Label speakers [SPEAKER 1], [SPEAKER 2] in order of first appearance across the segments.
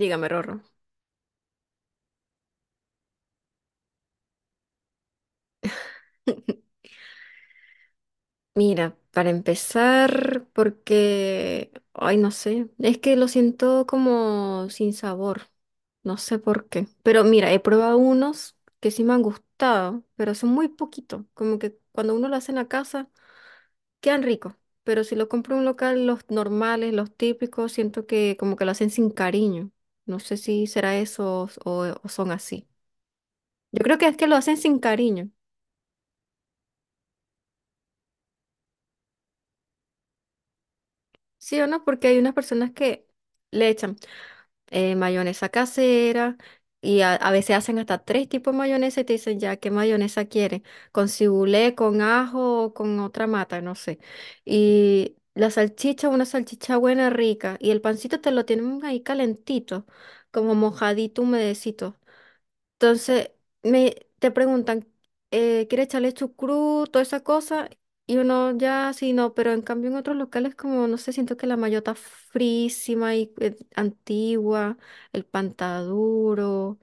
[SPEAKER 1] Dígame, Rorro. Mira, para empezar, porque, ay, no sé, es que lo siento como sin sabor, no sé por qué. Pero mira, he probado unos que sí me han gustado, pero son muy poquitos, como que cuando uno lo hace en la casa, quedan ricos. Pero si lo compro en un local, los normales, los típicos, siento que como que lo hacen sin cariño. No sé si será eso o son así. Yo creo que es que lo hacen sin cariño, ¿sí o no? Porque hay unas personas que... Le echan mayonesa casera y a veces hacen hasta tres tipos de mayonesa y te dicen ya qué mayonesa quieren, con cibulé, con ajo o con otra mata, no sé. Y la salchicha, una salchicha buena, rica, y el pancito te lo tienen ahí calentito, como mojadito, humedecito. Entonces, te preguntan, ¿quieres echarle chucrut, toda esa cosa? Y uno ya, sí, no, pero en cambio en otros locales como, no sé, siento que la mayota frísima y antigua, el pantaduro,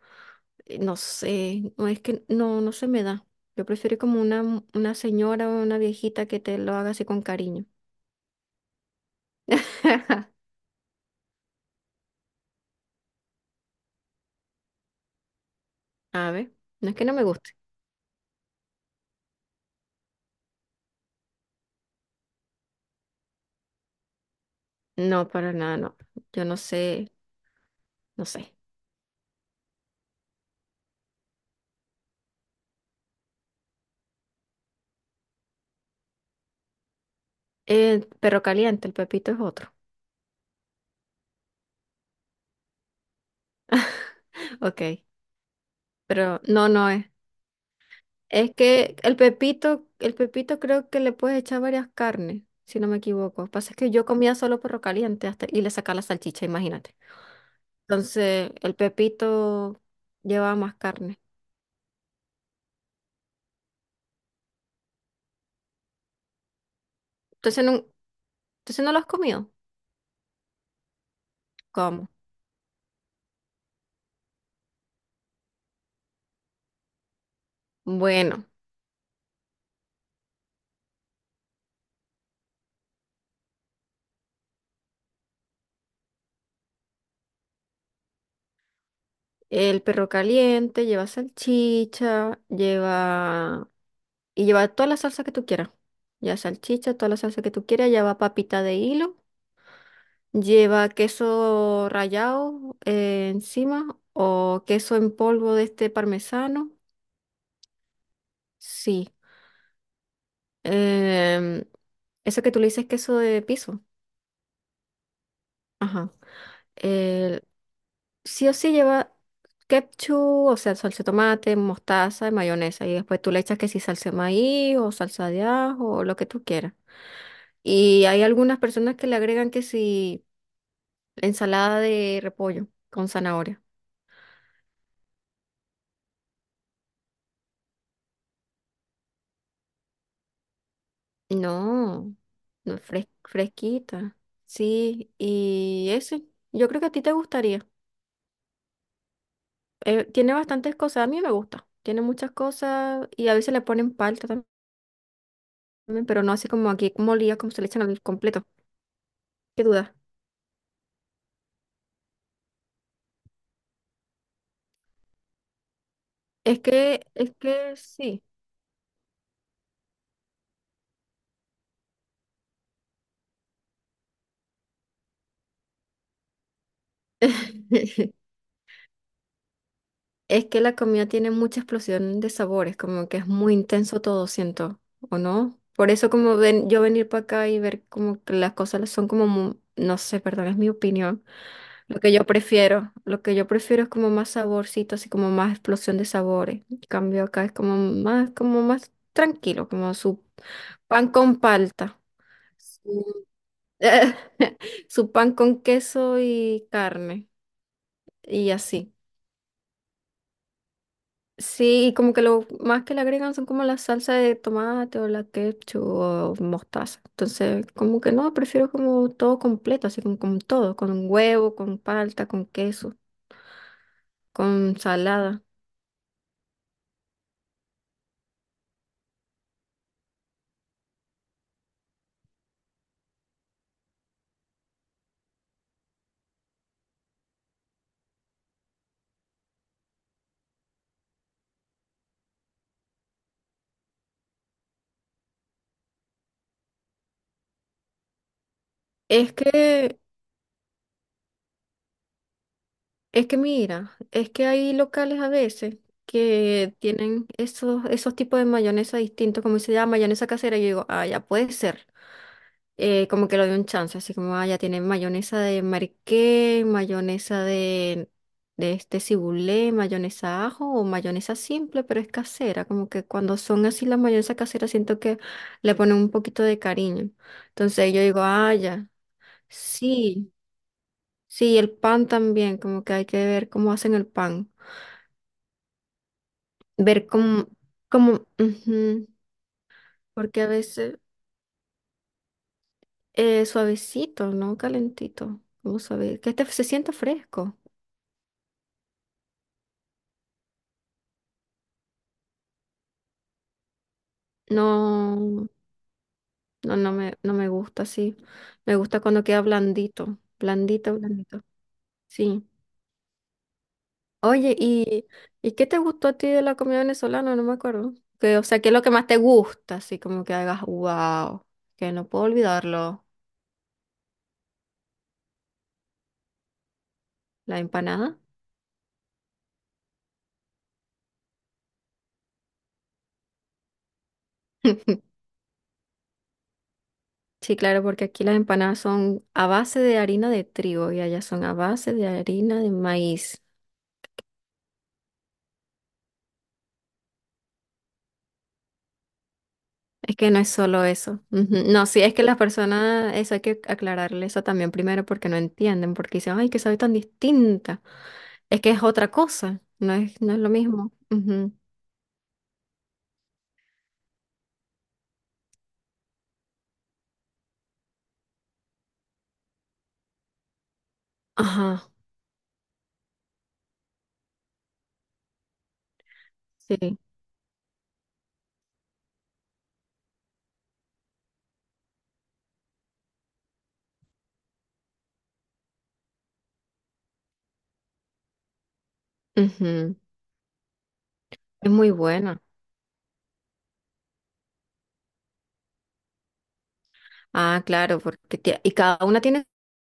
[SPEAKER 1] no sé, no es que no, no se me da. Yo prefiero como una señora o una viejita que te lo haga así con cariño. A ver, no es que no me guste. No, para nada, no. Yo no sé, no sé. Perro caliente, el pepito es otro. Ok. Pero no, no es. Es que el pepito creo que le puedes echar varias carnes, si no me equivoco. Pasa es que yo comía solo perro caliente hasta, y le sacaba la salchicha, imagínate. Entonces, el pepito llevaba más carne. Entonces no, entonces no lo has comido. ¿Cómo? Bueno, el perro caliente lleva salchicha, lleva y lleva toda la salsa que tú quieras. Ya salchicha, toda la salsa que tú quieras, lleva papita de hilo. Lleva queso rallado encima o queso en polvo de este parmesano. Sí. Em, eso que tú le dices queso de piso. Ajá. El- sí o sí lleva ketchup, o sea, salsa de tomate, mostaza y mayonesa. Y después tú le echas que si salsa de maíz o salsa de ajo o lo que tú quieras. Y hay algunas personas que le agregan que si ensalada de repollo con zanahoria. No, no es fresquita. Sí, y ese, yo creo que a ti te gustaría. Tiene bastantes cosas, a mí me gusta. Tiene muchas cosas y a veces le ponen palta también, pero no así como aquí molida, como se le echan al completo. ¿Qué duda? Es que sí. Es que la comida tiene mucha explosión de sabores, como que es muy intenso todo, siento, ¿o no? Por eso como ven, yo venir para acá y ver como que las cosas son como, no sé, perdón, es mi opinión. Lo que yo prefiero, lo que yo prefiero es como más saborcito, así como más explosión de sabores. En cambio acá es como más tranquilo, como su pan con palta, su, su pan con queso y carne y así. Sí, y como que lo más que le agregan son como la salsa de tomate o la ketchup o mostaza. Entonces, como que no, prefiero como todo completo, así como con todo, con huevo, con palta, con queso, con salada. Es que Es que mira, es que hay locales a veces que tienen esos tipos de mayonesa distintos, como se llama mayonesa casera, y yo digo, ah, ya puede ser. Como que lo doy un chance, así como, ah, ya tienen mayonesa de mariqué, mayonesa de este cibulé, mayonesa ajo o mayonesa simple, pero es casera. Como que cuando son así las mayonesas caseras siento que le ponen un poquito de cariño. Entonces yo digo, ah, ya, sí. Sí, el pan también, como que hay que ver cómo hacen el pan. Ver cómo, como, ujú, porque a veces suavecito, ¿no? Calentito, como suave, que este se sienta fresco. No, no, no me no me gusta así. Me gusta cuando queda blandito, blandito, blandito. Sí. Oye, ¿y qué te gustó a ti de la comida venezolana? No me acuerdo. Que, o sea, ¿qué es lo que más te gusta? Así como que hagas, wow, que no puedo olvidarlo. La empanada. Sí, claro, porque aquí las empanadas son a base de harina de trigo y allá son a base de harina de maíz. Es que no es solo eso. Ujú. No, sí, es que las personas, eso hay que aclararle eso también primero porque no entienden, porque dicen, ay, que sabe tan distinta. Es que es otra cosa, no es, no es lo mismo. Ujú. Ajá, sí. Ujú. Es muy buena. Ah, claro, porque y cada una tiene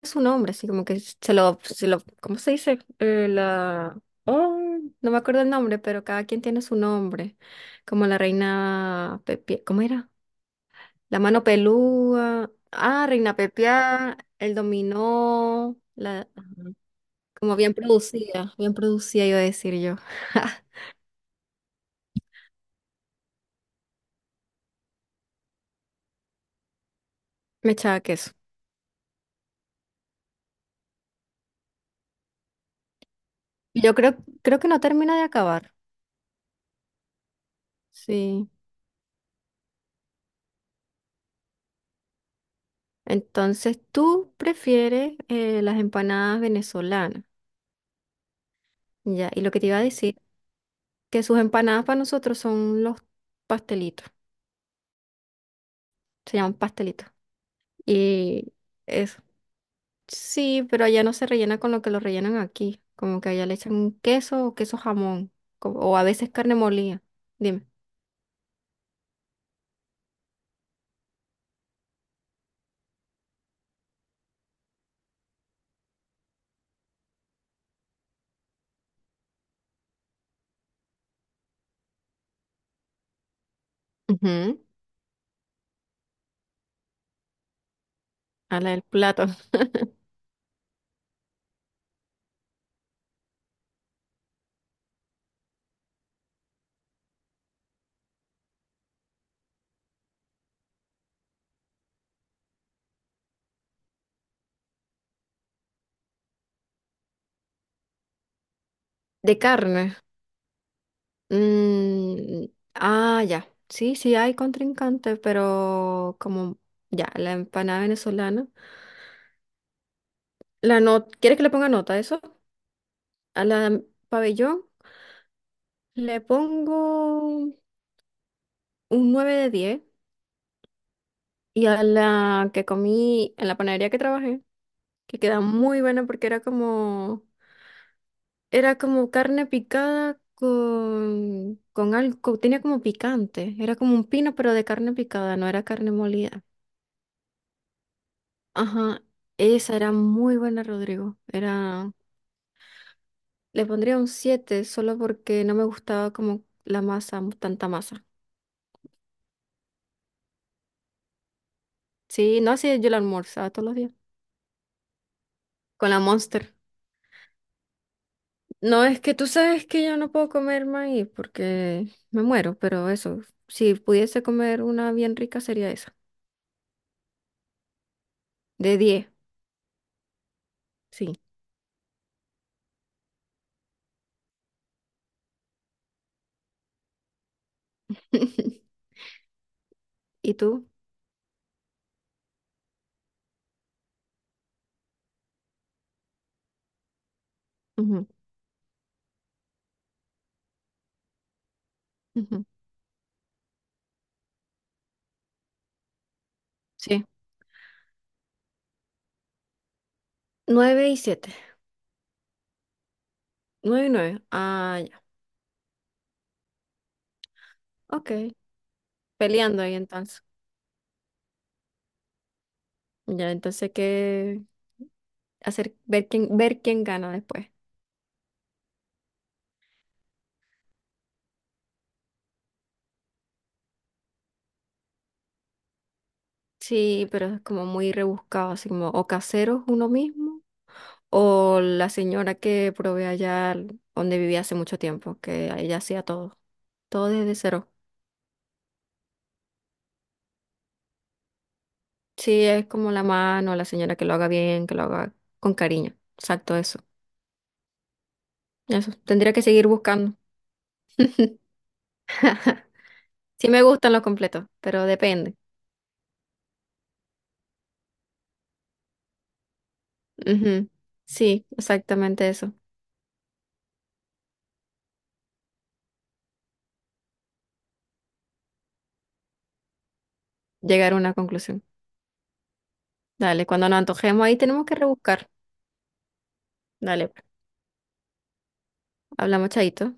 [SPEAKER 1] su nombre, así como que se lo, ¿cómo se dice? No me acuerdo el nombre, pero cada quien tiene su nombre, como la reina Pepia, ¿cómo era? La mano pelúa, ah, reina Pepia, el dominó, la, como bien producida iba a decir yo, me echaba queso. Y yo creo que no termina de acabar, sí. Entonces, tú prefieres las empanadas venezolanas, ya, y lo que te iba a decir que sus empanadas para nosotros son los pastelitos, se llaman pastelitos. Y eso. Sí, pero allá no se rellena con lo que lo rellenan aquí, como que allá le echan queso o queso jamón, o a veces carne molida. Dime. Ujú. A la del plato. De carne. mm, ah, ya. Sí, sí hay contrincante, pero como ya, la empanada venezolana. La no- ¿Quieres que le ponga nota a eso? A la pabellón le pongo un 9 de 10 y a la que comí en la panadería que trabajé, que queda muy buena porque era como carne picada con algo, tenía como picante, era como un pino pero de carne picada, no era carne molida. Ajá, esa era muy buena, Rodrigo. Le pondría un 7 solo porque no me gustaba como la masa, tanta masa. Sí, no así yo la almorzaba todos los días. Con la Monster. No, es que tú sabes que yo no puedo comer maíz porque me muero, pero eso, si pudiese comer una bien rica sería esa. De 10, sí. ¿Y tú? Ujú, ujú, sí. 9 y siete. Nueve y 9. Ah, ya. Ok. Peleando ahí entonces. Ya, entonces hay que hacer, ver quién gana después. Sí, pero es como muy rebuscado, así como o caseros uno mismo o la señora que provee allá donde vivía hace mucho tiempo, que ella hacía todo. Todo desde cero. Sí, es como la mano, la señora que lo haga bien, que lo haga con cariño. Exacto, eso. Eso. Tendría que seguir buscando. Sí me gustan los completos, pero depende. Ujú. Sí, exactamente eso. Llegar a una conclusión. Dale, cuando nos antojemos ahí tenemos que rebuscar. Dale, pues. Hablamos, chaito.